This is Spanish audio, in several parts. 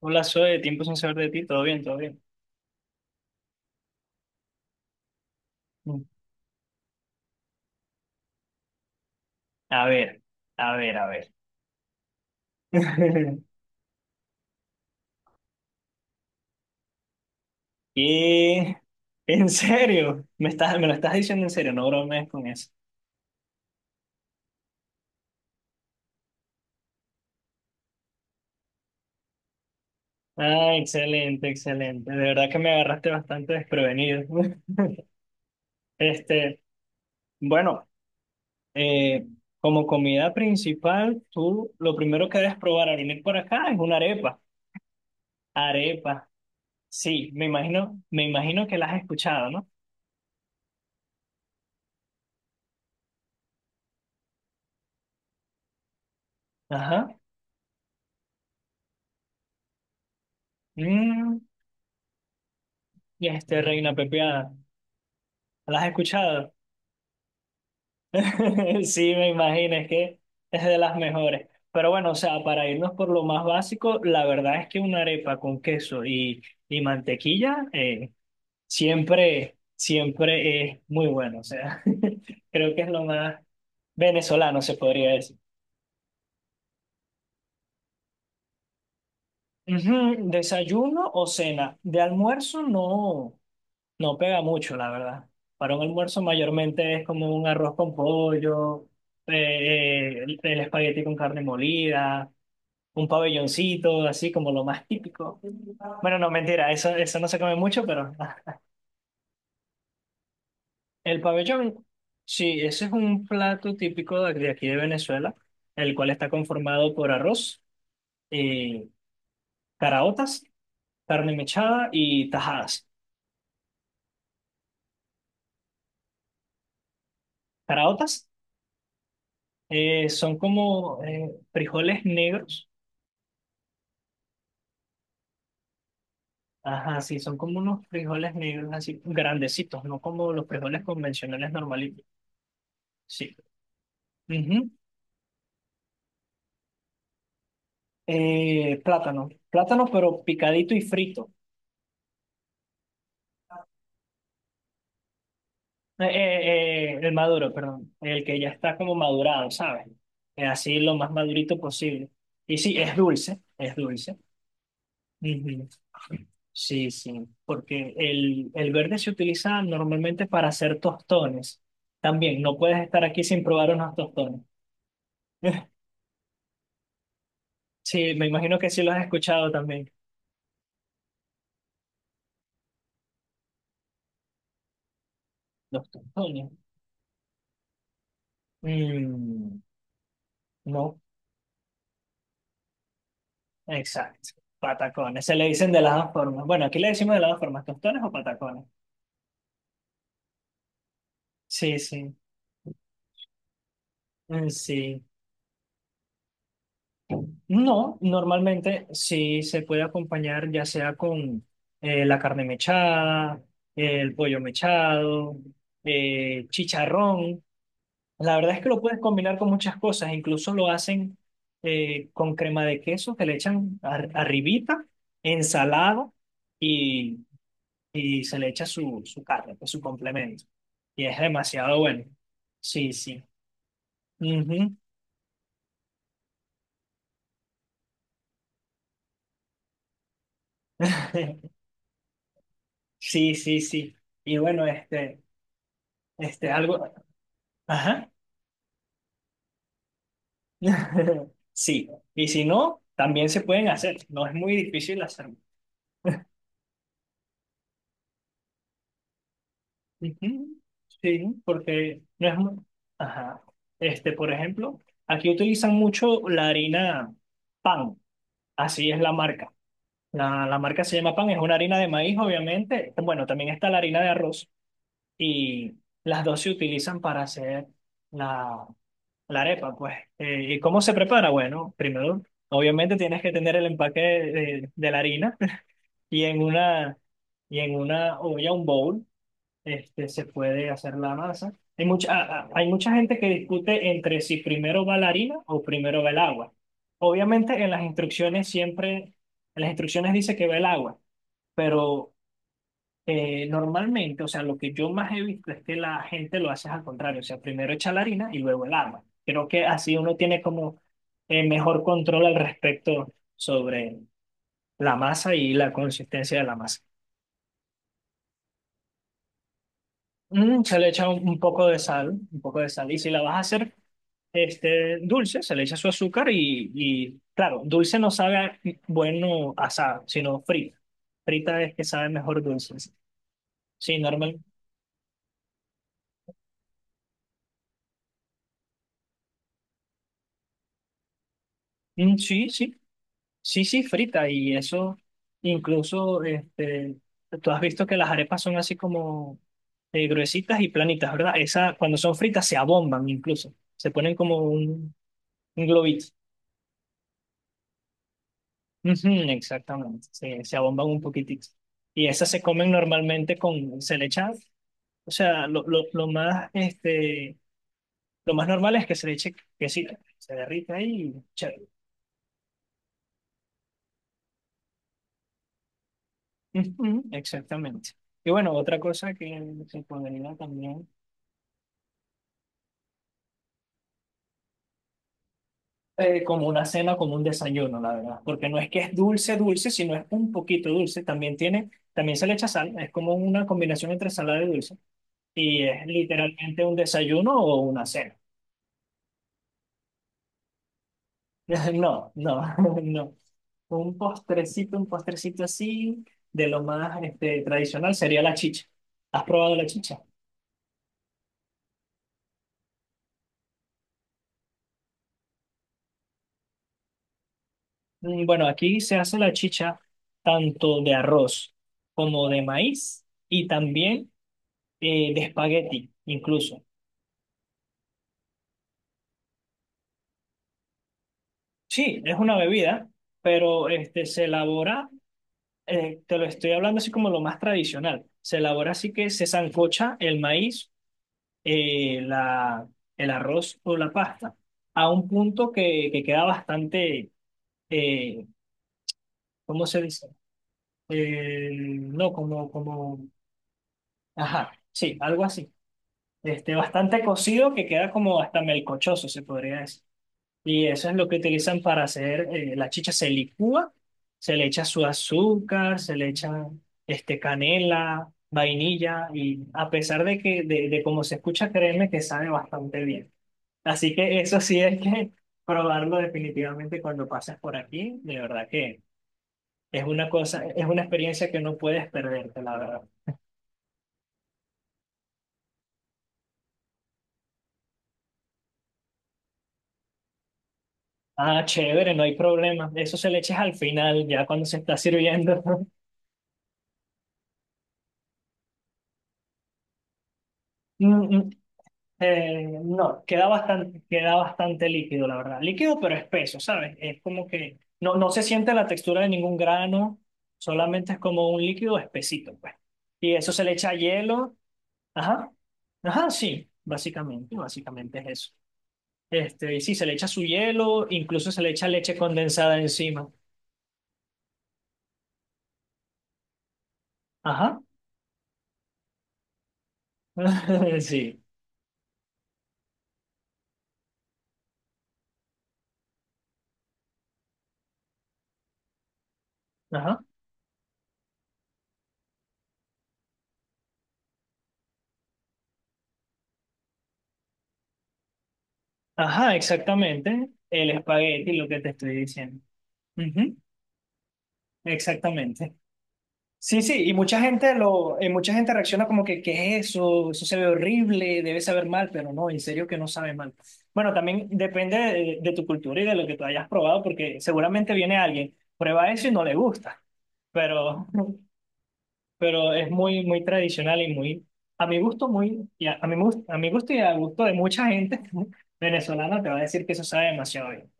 Hola, Zoe, tiempo sin saber de ti, todo bien, todo bien. Mm. A ver, a ver, a ver. ¿Qué? ¿En serio? ¿ Me lo estás diciendo en serio? No bromees con eso. Ah, excelente, excelente. De verdad que me agarraste bastante desprevenido. Este, bueno, eh, como comida principal, tú lo primero que debes probar al venir por acá es una arepa. Arepa. Sí, me imagino que la has escuchado, ¿no? Ajá. Mm, reina pepiada. ¿No ¿La has escuchado? Sí, me imagino, es que es de las mejores. Pero bueno, o sea, para irnos por lo más básico, la verdad es que una arepa con queso y mantequilla, siempre, siempre es muy bueno. O sea, creo que es lo más venezolano, se podría decir. Ujú. Desayuno o cena. De almuerzo no. No pega mucho, la verdad. Para un almuerzo mayormente es como un arroz con pollo, el espagueti con carne molida, un pabelloncito, así como lo más típico. Bueno, no, mentira, eso no se come mucho, pero el pabellón, sí, ese es un plato típico de aquí de Venezuela, el cual está conformado por arroz, eh, caraotas, carne mechada y tajadas. Caraotas, son como frijoles negros. Ajá, sí, son como unos frijoles negros así, grandecitos, no como los frijoles convencionales normalitos. Sí. Ujú. Plátano, plátano pero picadito y frito. El maduro, perdón, el que ya está como madurado, ¿sabes? Así lo más madurito posible. Y sí, es dulce, es dulce. Ujú. Sí, sí, porque el verde se utiliza normalmente para hacer tostones. También, no puedes estar aquí sin probar unos tostones. Sí, me imagino que sí lo has escuchado también. Los tostones. Mm, no, exacto. Patacones. Se le dicen de las dos formas. Bueno, aquí le decimos de las dos formas, tostones o patacones. Sí, sí. Mm. Sí. No, normalmente sí se puede acompañar ya sea con la carne mechada, el pollo mechado, chicharrón. La verdad es que lo puedes combinar con muchas cosas, incluso lo hacen con crema de queso que le echan arribita, ensalada y, y se le echa su carne, pues, su complemento. Y es demasiado bueno. Sí, sí. Ujú. Sí, sí, sí. Y bueno, este, algo, ajá. Sí. Y si no, también se pueden hacer. No es muy difícil hacer. Ujú. Sí, porque no es. Ajá. Por ejemplo, aquí utilizan mucho la harina pan. Así es la marca. La marca se llama pan, es una harina de maíz, obviamente. Bueno, también está la harina de arroz. Y las dos se utilizan para hacer la, la arepa, pues. ¿Y cómo se prepara? Bueno, primero, obviamente tienes que tener el empaque de la harina. y en una, y en una olla, un bowl, se puede hacer la masa. Hay hay mucha gente que discute entre si primero va la harina o primero va el agua. Obviamente en las instrucciones siempre, En las instrucciones dice que va el agua, pero normalmente, o sea, lo que yo más he visto es que la gente lo hace al contrario, o sea, primero echa la harina y luego el agua. Creo que así uno tiene como mejor control al respecto sobre la masa y la consistencia de la masa. Se le echa un poco de sal, un poco de sal. Y si la vas a hacer, dulce, se le echa su azúcar y, claro, dulce no sabe bueno asado, sino frita. Frita es que sabe mejor dulce. Sí, normal. Mm, sí, sí, sí, sí, frita. Y eso, incluso, tú has visto que las arepas son así como gruesitas y planitas, ¿verdad? Esas, cuando son fritas, se abomban incluso. Se ponen como un globito. Ujú, exactamente, se abomban un poquitito. Y esas se comen normalmente con, se le echa. O sea, lo más normal es que se le eche quesito, se derrita ahí y chévere. Ujú. Exactamente. Y bueno, otra cosa que se podría también, como una cena, como un desayuno, la verdad, porque no es que es dulce, dulce, sino es un poquito dulce. También se le echa sal, es como una combinación entre salada y dulce. Y es literalmente un desayuno o una cena. No, no, no. Un postrecito así, de lo más tradicional sería la chicha. ¿Has probado la chicha? Bueno, aquí se hace la chicha tanto de arroz como de maíz y también de espagueti, incluso. Sí, es una bebida, pero, se elabora, te lo estoy hablando así como lo más tradicional. Se elabora así que se sancocha el maíz eh, la, el arroz o la pasta a un punto que queda bastante, eh, ¿cómo se dice? No, ajá, sí, algo así. Bastante cocido que queda como hasta melcochoso, se podría decir. Y eso es lo que utilizan para hacer la chicha. Se licúa, se le echa su azúcar, se le echa, canela, vainilla, y a pesar de que, de cómo se escucha, créeme que sabe bastante bien. Así que eso sí es que probarlo definitivamente cuando pasas por aquí, de verdad que es una experiencia que no puedes perderte, la verdad. Ah, chévere, no hay problema. Eso se le echas al final, ya cuando se está sirviendo. Mm, mm, no, queda bastante líquido, la verdad. Líquido pero espeso, ¿sabes? Es como que no se siente la textura de ningún grano, solamente es como un líquido espesito, pues. Y eso se le echa hielo. Ajá, ajá, sí, básicamente, básicamente es eso. Y sí, se le echa su hielo, incluso se le echa leche condensada encima. Ajá, sí, ajá, ajá, exactamente. El espagueti, lo que te estoy diciendo. Ujú. Exactamente. Sí, sí, y mucha gente mucha gente reacciona como que, ¿qué es eso? Eso se ve horrible, debe saber mal, pero no, en serio que no sabe mal. Bueno, también depende de tu cultura y de lo que tú hayas probado, porque seguramente viene alguien, prueba eso y no le gusta. pero, pero es muy, muy tradicional y muy, a mi gusto, muy, a mi gusto y al gusto de mucha gente venezolana te va a decir que eso sabe demasiado bien.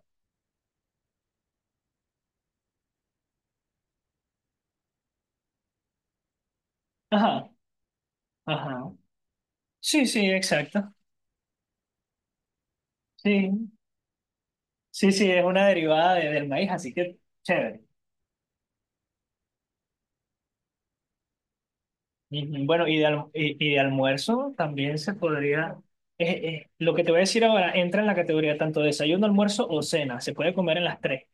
Ajá, ajá. Sí, sí, exacto. Sí, sí, sí, es una derivada del maíz, así que chévere. Y, bueno, de almuerzo también se podría... Lo que te voy a decir ahora entra en la categoría tanto desayuno, almuerzo o cena. Se puede comer en las tres.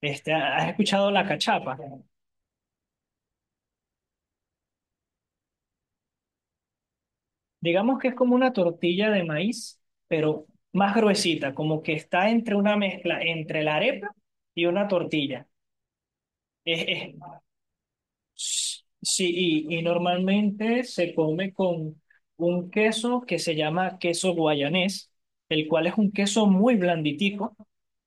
¿Has escuchado la cachapa? Digamos que es como una tortilla de maíz, pero más gruesita, como que está entre una mezcla entre la arepa y una tortilla. Es, sí, y normalmente se come con un queso que se llama queso guayanés, el cual es un queso muy blanditico,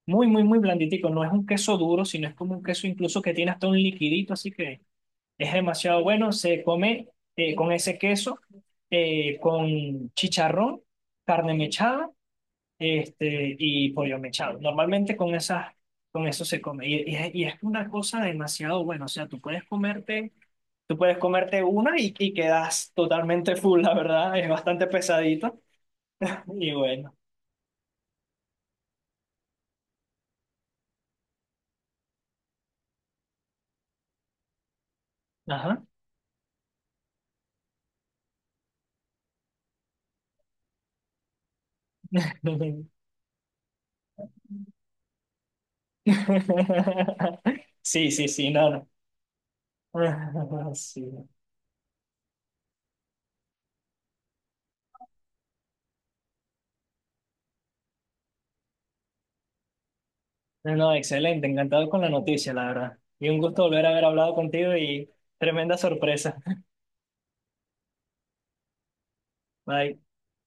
muy, muy, muy blanditico. No es un queso duro, sino es como un queso incluso que tiene hasta un liquidito, así que es demasiado bueno, se come con ese queso, con chicharrón, carne mechada, y pollo mechado. Normalmente con eso se come. Y es una cosa demasiado buena. O sea, tú puedes comerte una y quedas totalmente full, la verdad. Es bastante pesadito. Y bueno. Ajá. Sí, sí, sí, no, no. Sí. No, no, excelente, encantado con la noticia, la verdad. Y un gusto volver a haber hablado contigo y tremenda sorpresa. Bye.